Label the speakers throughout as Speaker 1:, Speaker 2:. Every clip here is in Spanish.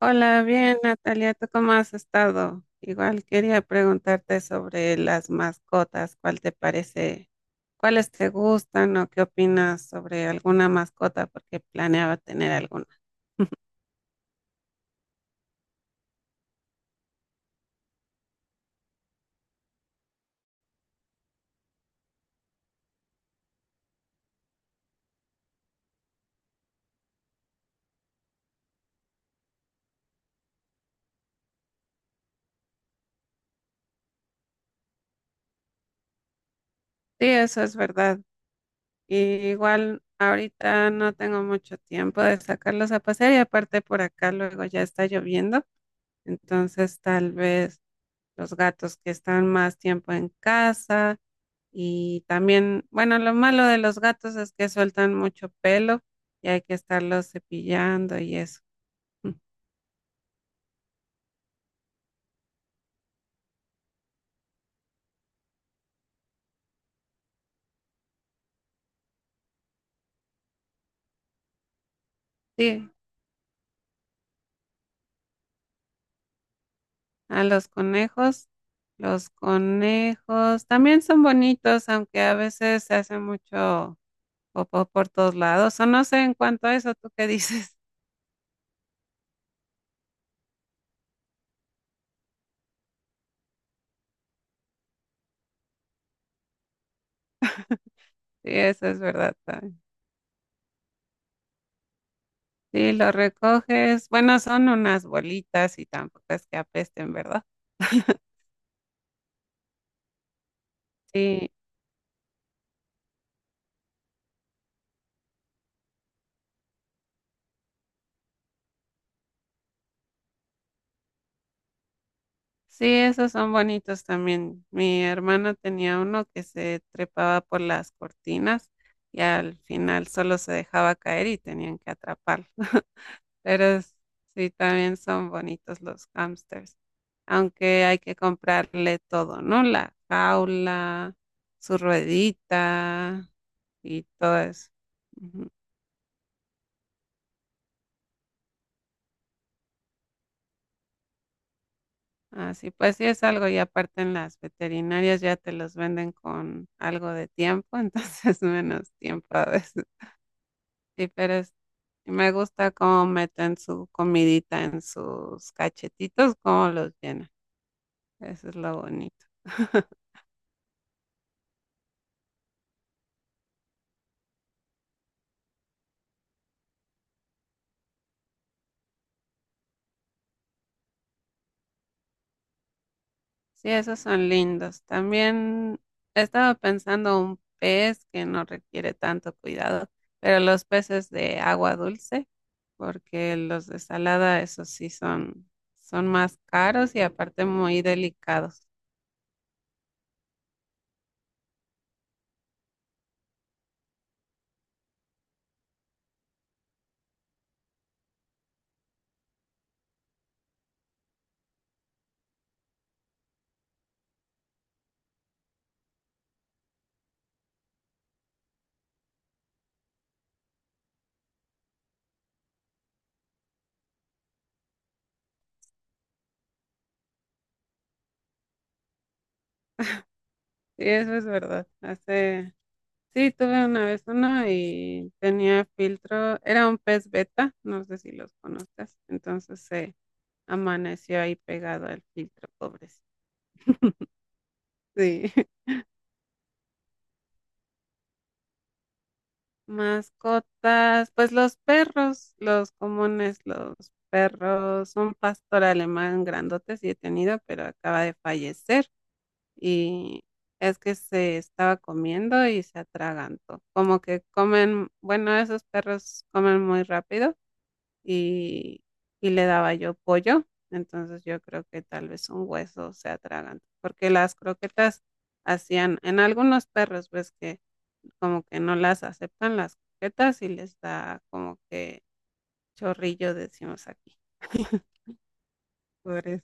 Speaker 1: Hola, bien, Natalia, ¿tú cómo has estado? Igual quería preguntarte sobre las mascotas, ¿cuál te parece? ¿Cuáles te gustan o qué opinas sobre alguna mascota? Porque planeaba tener alguna. Sí, eso es verdad. Y igual ahorita no tengo mucho tiempo de sacarlos a pasear, y aparte por acá luego ya está lloviendo, entonces tal vez los gatos que están más tiempo en casa. Y también, bueno, lo malo de los gatos es que sueltan mucho pelo y hay que estarlos cepillando y eso. Mm. Sí, a los conejos. Los conejos también son bonitos, aunque a veces se hace mucho por todos lados, o no sé en cuanto a eso, ¿tú qué dices? Sí, eso es verdad también. Sí, lo recoges. Bueno, son unas bolitas y tampoco es que apesten, ¿verdad? Sí, sí, esos son bonitos también. Mi hermano tenía uno que se trepaba por las cortinas y al final solo se dejaba caer y tenían que atraparlo. Pero sí, también son bonitos los hamsters. Aunque hay que comprarle todo, ¿no? La jaula, su ruedita y todo eso. Ujú. Así pues, sí es algo. Y aparte en las veterinarias ya te los venden con algo de tiempo, entonces menos tiempo a veces. Sí, me gusta cómo meten su comidita en sus cachetitos, cómo los llenan. Eso es lo bonito. Sí, esos son lindos. También estaba pensando un pez que no requiere tanto cuidado, pero los peces de agua dulce, porque los de salada, esos sí son, son más caros y aparte muy delicados. Sí, eso es verdad. Sí, tuve una vez uno y tenía filtro, era un pez beta, no sé si los conoces, entonces se amaneció ahí pegado al filtro, pobrecito. Sí. Mascotas, pues los perros, los comunes, los perros. Un pastor alemán grandote sí he tenido, pero acaba de fallecer, y es que se estaba comiendo y se atragantó. Como que comen, bueno, esos perros comen muy rápido y, y le daba yo pollo. Entonces yo creo que tal vez un hueso se atraganta, porque las croquetas hacían, en algunos perros ves que como que no las aceptan las croquetas y les da como que chorrillo, decimos aquí, por eso,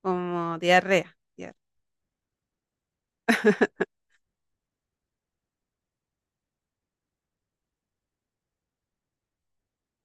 Speaker 1: como diarrea. Diarrea.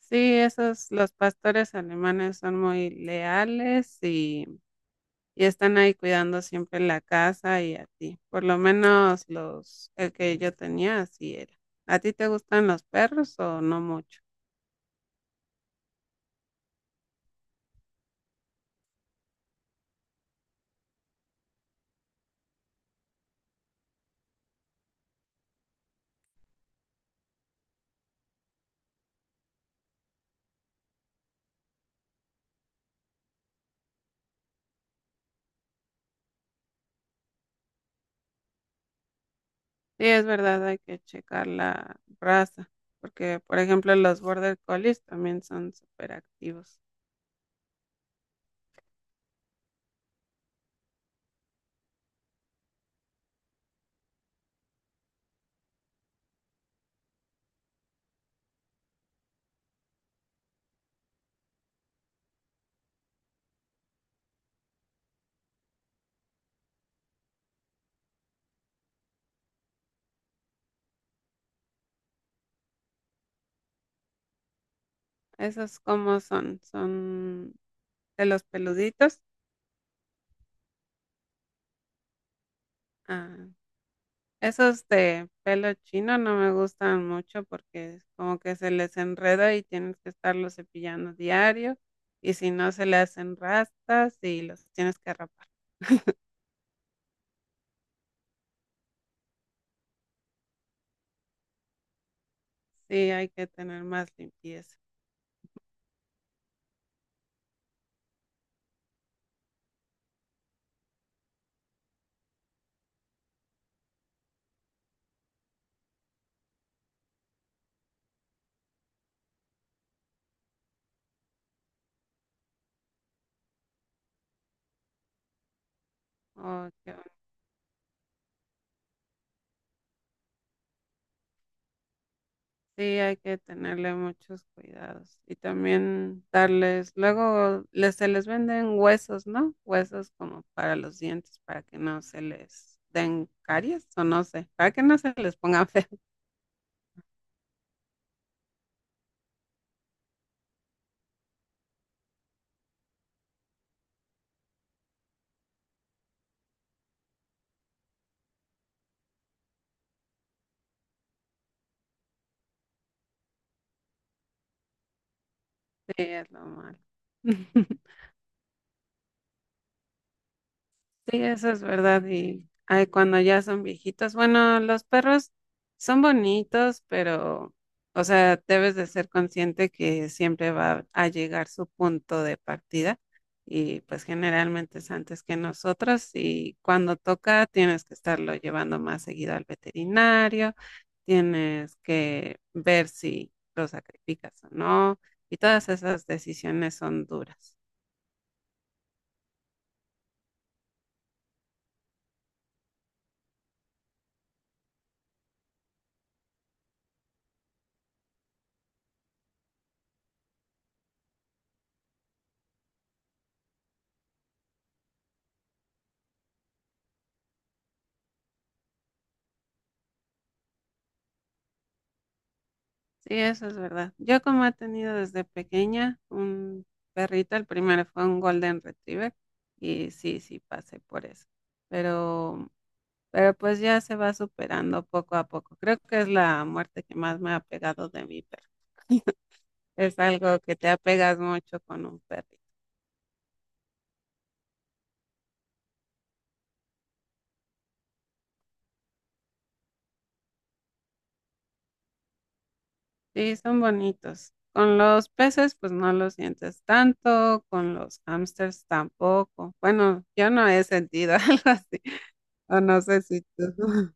Speaker 1: Sí, esos, los pastores alemanes son muy leales y están ahí cuidando siempre la casa y a ti. Por lo menos los, el que yo tenía así era. ¿A ti te gustan los perros o no mucho? Sí, es verdad, hay que checar la raza, porque por ejemplo los Border Collies también son súper activos. ¿Esos cómo son? ¿Son de los peluditos? Ah, esos de pelo chino no me gustan mucho porque es como que se les enreda y tienes que estarlo cepillando diario, y si no se le hacen rastas y los tienes que rapar. Sí, hay que tener más limpieza. Oh, qué bueno. Sí, hay que tenerle muchos cuidados y también darles, luego les, se les venden huesos, ¿no? Huesos como para los dientes, para que no se les den caries o no sé, para que no se les ponga feo. Sí, es lo malo. Sí, eso es verdad. Y ay, cuando ya son viejitos, bueno, los perros son bonitos, pero, o sea, debes de ser consciente que siempre va a llegar su punto de partida y pues generalmente es antes que nosotros, y cuando toca tienes que estarlo llevando más seguido al veterinario, tienes que ver si lo sacrificas o no, y todas esas decisiones son duras. Sí, eso es verdad. Yo como he tenido desde pequeña un perrito, el primero fue un Golden Retriever, y sí, sí pasé por eso. Pero, pero pues ya se va superando poco a poco. Creo que es la muerte que más me ha pegado de mi perro. Es algo que te apegas mucho con un perrito. Sí, son bonitos. Con los peces, pues no los sientes tanto, con los hamsters tampoco. Bueno, yo no he sentido algo así, o no sé si tú.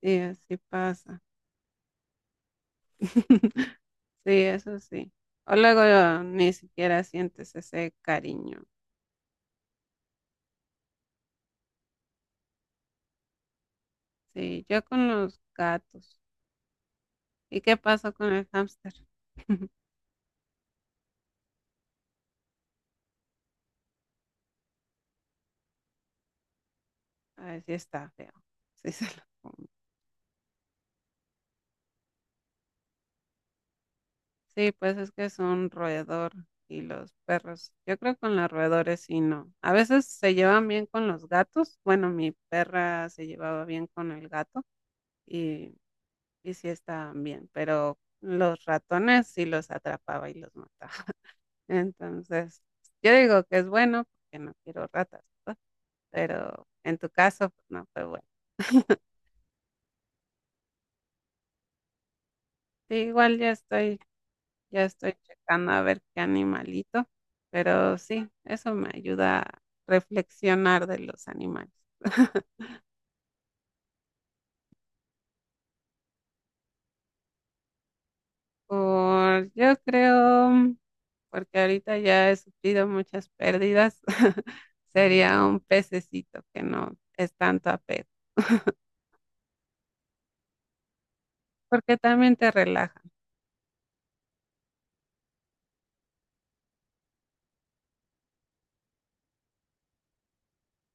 Speaker 1: Sí, así pasa. Sí, eso sí. O luego ni siquiera sientes ese cariño. Sí, yo con los gatos. ¿Y qué pasó con el hámster? A ver si está feo. Sí, se lo come. Sí, pues es que es un roedor y los perros. Yo creo que con los roedores sí no. A veces se llevan bien con los gatos. Bueno, mi perra se llevaba bien con el gato y, y sí estaban bien, pero los ratones sí los atrapaba y los mataba. Entonces, yo digo que es bueno porque no quiero ratas, ¿verdad? Pero en tu caso, pues no fue bueno. Sí, ya estoy checando a ver qué animalito, pero sí, eso me ayuda a reflexionar de los animales. Por, yo creo, porque ahorita ya he sufrido muchas pérdidas, sería un pececito que no es tanto apego, porque también te relaja.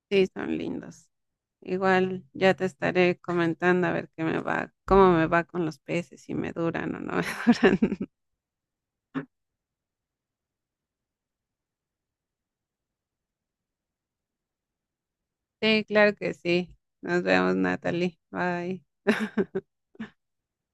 Speaker 1: Sí, son lindos. Igual ya te estaré comentando a ver qué me va, cómo me va con los peces, si me duran o no me duran. Sí, claro que sí. Nos vemos, Natalie. Bye.